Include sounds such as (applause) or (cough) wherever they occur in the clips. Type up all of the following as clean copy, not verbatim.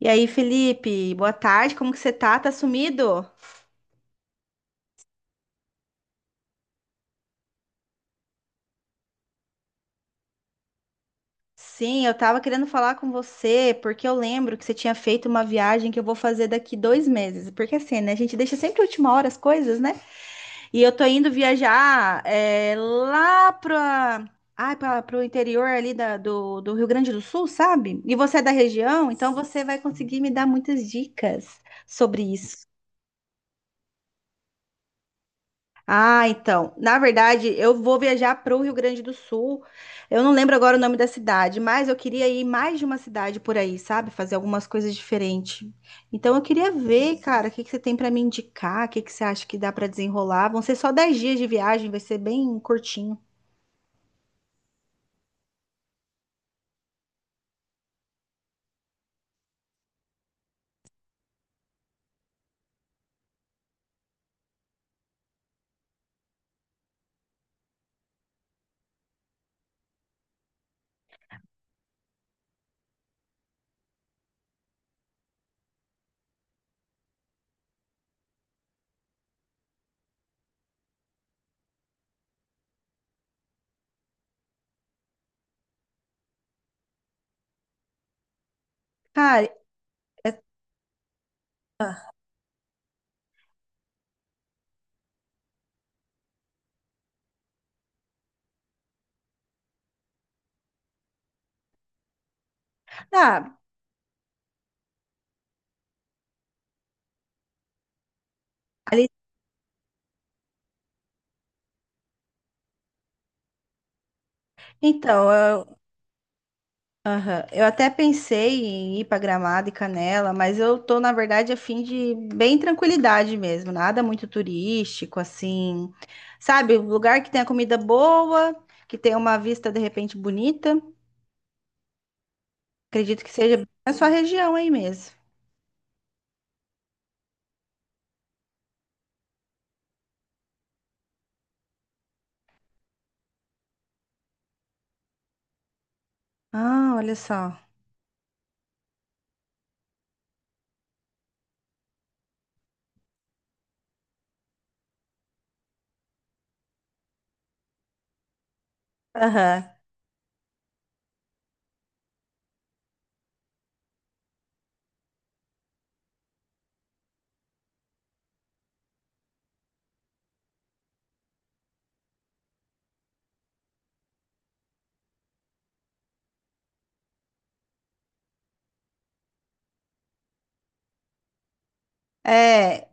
E aí, Felipe, boa tarde, como que você tá? Tá sumido? Sim, eu tava querendo falar com você, porque eu lembro que você tinha feito uma viagem que eu vou fazer daqui 2 meses. Porque assim, né? A gente deixa sempre a última hora as coisas, né? E eu tô indo viajar lá pro interior ali do Rio Grande do Sul, sabe? E você é da região, então você vai conseguir me dar muitas dicas sobre isso. Ah, então. Na verdade, eu vou viajar para o Rio Grande do Sul. Eu não lembro agora o nome da cidade, mas eu queria ir mais de uma cidade por aí, sabe? Fazer algumas coisas diferentes. Então, eu queria ver, cara, o que que você tem para me indicar? O que que você acha que dá para desenrolar? Vão ser só 10 dias de viagem, vai ser bem curtinho. Cara, é- ah, ali, então. Aham. Eu até pensei em ir para Gramado e Canela, mas eu tô, na verdade, a fim de bem tranquilidade mesmo, nada muito turístico, assim. Sabe, um lugar que tenha comida boa, que tenha uma vista de repente bonita. Acredito que seja na sua região aí mesmo. Ah, olha só. Aham. É.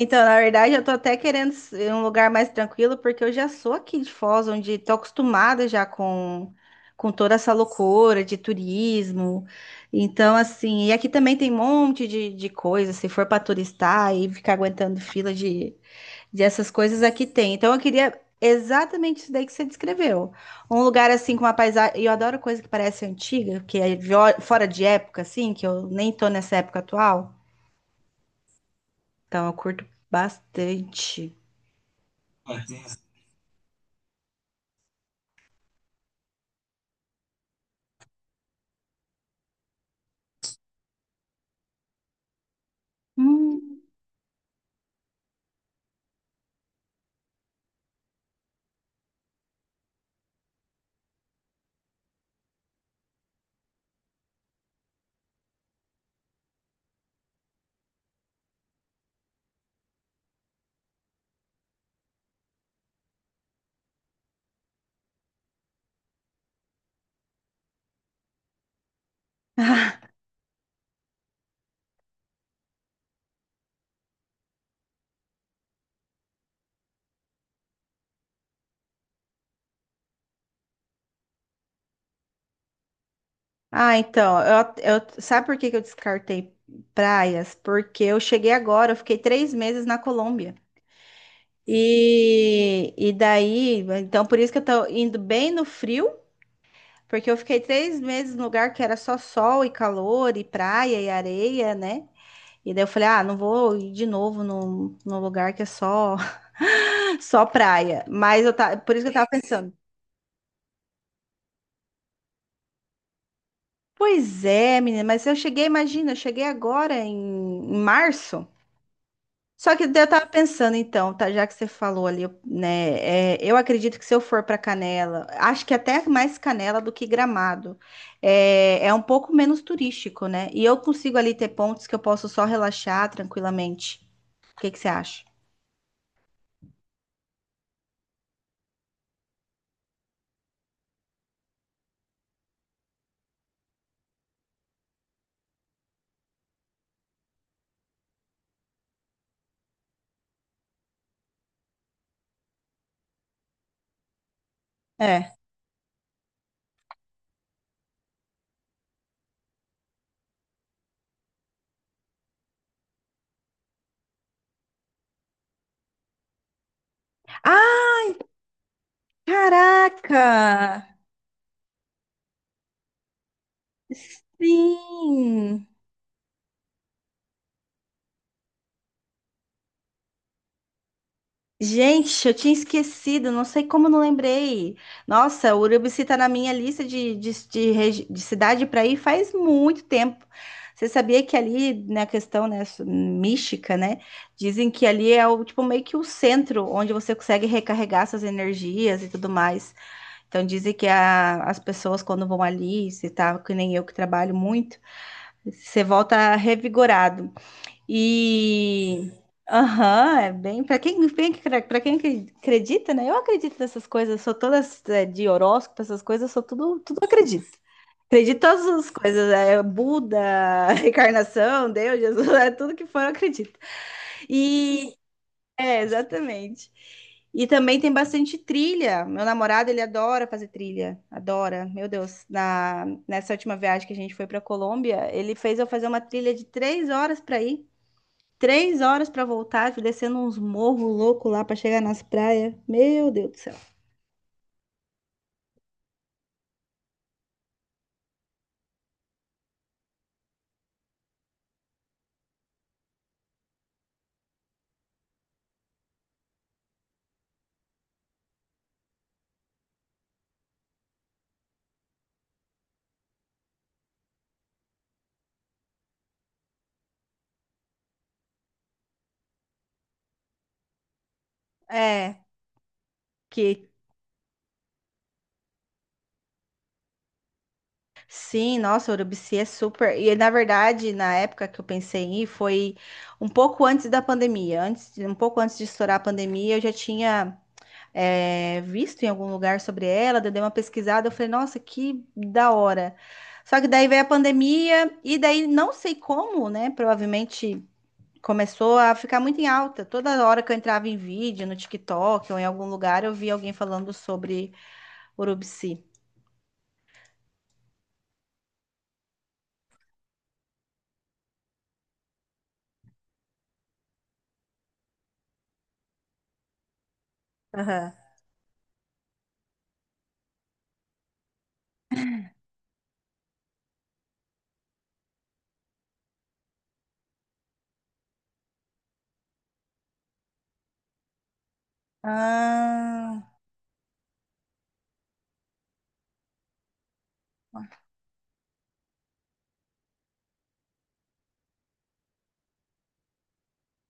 Então, na verdade, eu tô até querendo um lugar mais tranquilo, porque eu já sou aqui de Foz, onde tô acostumada já com toda essa loucura de turismo. Então, assim, e aqui também tem um monte de coisa, se for para turistar e ficar aguentando fila de essas coisas aqui tem. Então, eu queria exatamente isso daí que você descreveu. Um lugar assim com uma paisagem, e eu adoro coisa que parece antiga, que é fora de época assim, que eu nem tô nessa época atual. Então, eu curto bastante. Hum. (laughs) Ah, ah, então, eu, sabe por que que eu descartei praias? Porque eu cheguei agora, eu fiquei 3 meses na Colômbia. E daí, então por isso que eu tô indo bem no frio, porque eu fiquei três meses num lugar que era só sol e calor e praia e areia, né? E daí eu falei, ah, não vou ir de novo num lugar que é só, (laughs) só praia. Mas eu tá, por isso que eu tava pensando. Pois é, menina, mas eu cheguei, imagina, eu cheguei agora em março. Só que daí eu tava pensando, então, tá, já que você falou ali, eu acredito que se eu for pra Canela, acho que até mais Canela do que Gramado. É, é um pouco menos turístico, né? E eu consigo ali ter pontos que eu posso só relaxar tranquilamente. O que que você acha? É. Ah, caraca! Sim! Gente, eu tinha esquecido, não sei como eu não lembrei. Nossa, Urubici tá na minha lista de cidade para ir faz muito tempo. Você sabia que ali, na questão, né, mística, né, dizem que ali é o, tipo, meio que o centro onde você consegue recarregar suas energias e tudo mais. Então dizem que as pessoas quando vão ali, se tá, que nem eu que trabalho muito, você volta revigorado. E aham, é bem para quem acredita, né? Eu acredito nessas coisas, sou todas é, de horóscopo, essas coisas, sou tudo, tudo acredito. Acredito em todas as coisas, é Buda, (laughs) reencarnação, Deus, Jesus, é tudo que for, eu acredito. E é, exatamente. E também tem bastante trilha. Meu namorado, ele adora fazer trilha. Adora. Meu Deus, nessa última viagem que a gente foi para Colômbia, ele fez eu fazer uma trilha de 3 horas para ir. 3 horas pra voltar, descendo uns morros loucos lá pra chegar nas praias. Meu Deus do céu. É, que sim, nossa, Urubici é super. E na verdade, na época que eu pensei em ir, foi um pouco antes da pandemia. Antes, um pouco antes de estourar a pandemia, eu já tinha visto em algum lugar sobre ela, daí eu dei uma pesquisada, eu falei, nossa, que da hora. Só que daí veio a pandemia, e daí não sei como, né? Provavelmente começou a ficar muito em alta. Toda hora que eu entrava em vídeo, no TikTok ou em algum lugar, eu via alguém falando sobre Urubici. Aham. Ah,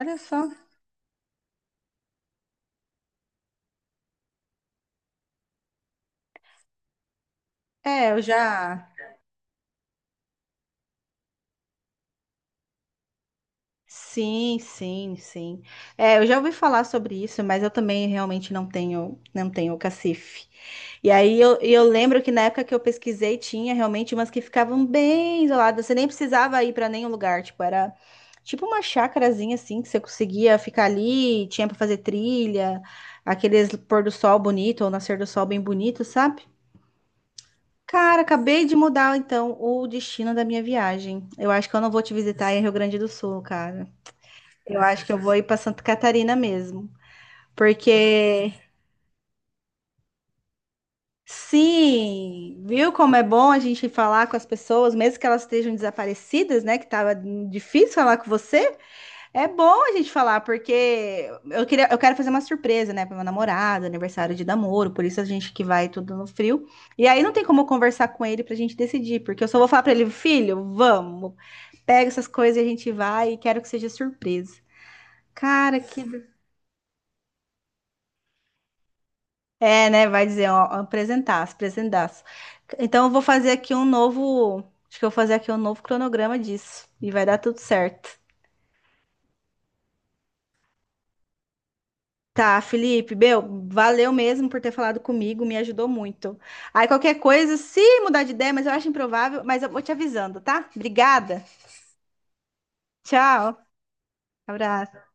olha só. É, eu já. Sim, sim, sim. É, eu já ouvi falar sobre isso, mas eu também realmente não tenho, não tenho cacife. E aí eu, e eu lembro que na época que eu pesquisei tinha realmente umas que ficavam bem isoladas, você nem precisava ir para nenhum lugar, tipo, era tipo uma chacarazinha assim que você conseguia ficar ali, tinha para fazer trilha, aqueles pôr do sol bonito ou nascer do sol bem bonito, sabe? Cara, acabei de mudar então o destino da minha viagem. Eu acho que eu não vou te visitar em Rio Grande do Sul, cara. Eu acho que eu vou ir para Santa Catarina mesmo, porque sim, viu como é bom a gente falar com as pessoas, mesmo que elas estejam desaparecidas, né? Que tava difícil falar com você. É bom a gente falar, porque eu queria, eu quero fazer uma surpresa, né, para meu namorado, aniversário de namoro, por isso a gente que vai tudo no frio. E aí não tem como eu conversar com ele para a gente decidir, porque eu só vou falar para ele, filho, vamos, pega essas coisas e a gente vai e quero que seja surpresa. Cara, que É, né? Vai dizer, ó, apresentaço, apresentaço. Então, eu vou fazer aqui um novo. Acho que eu vou fazer aqui um novo cronograma disso. E vai dar tudo certo. Tá, Felipe, meu, valeu mesmo por ter falado comigo, me ajudou muito. Aí, qualquer coisa, se mudar de ideia, mas eu acho improvável, mas eu vou te avisando, tá? Obrigada. Tchau. Abraço.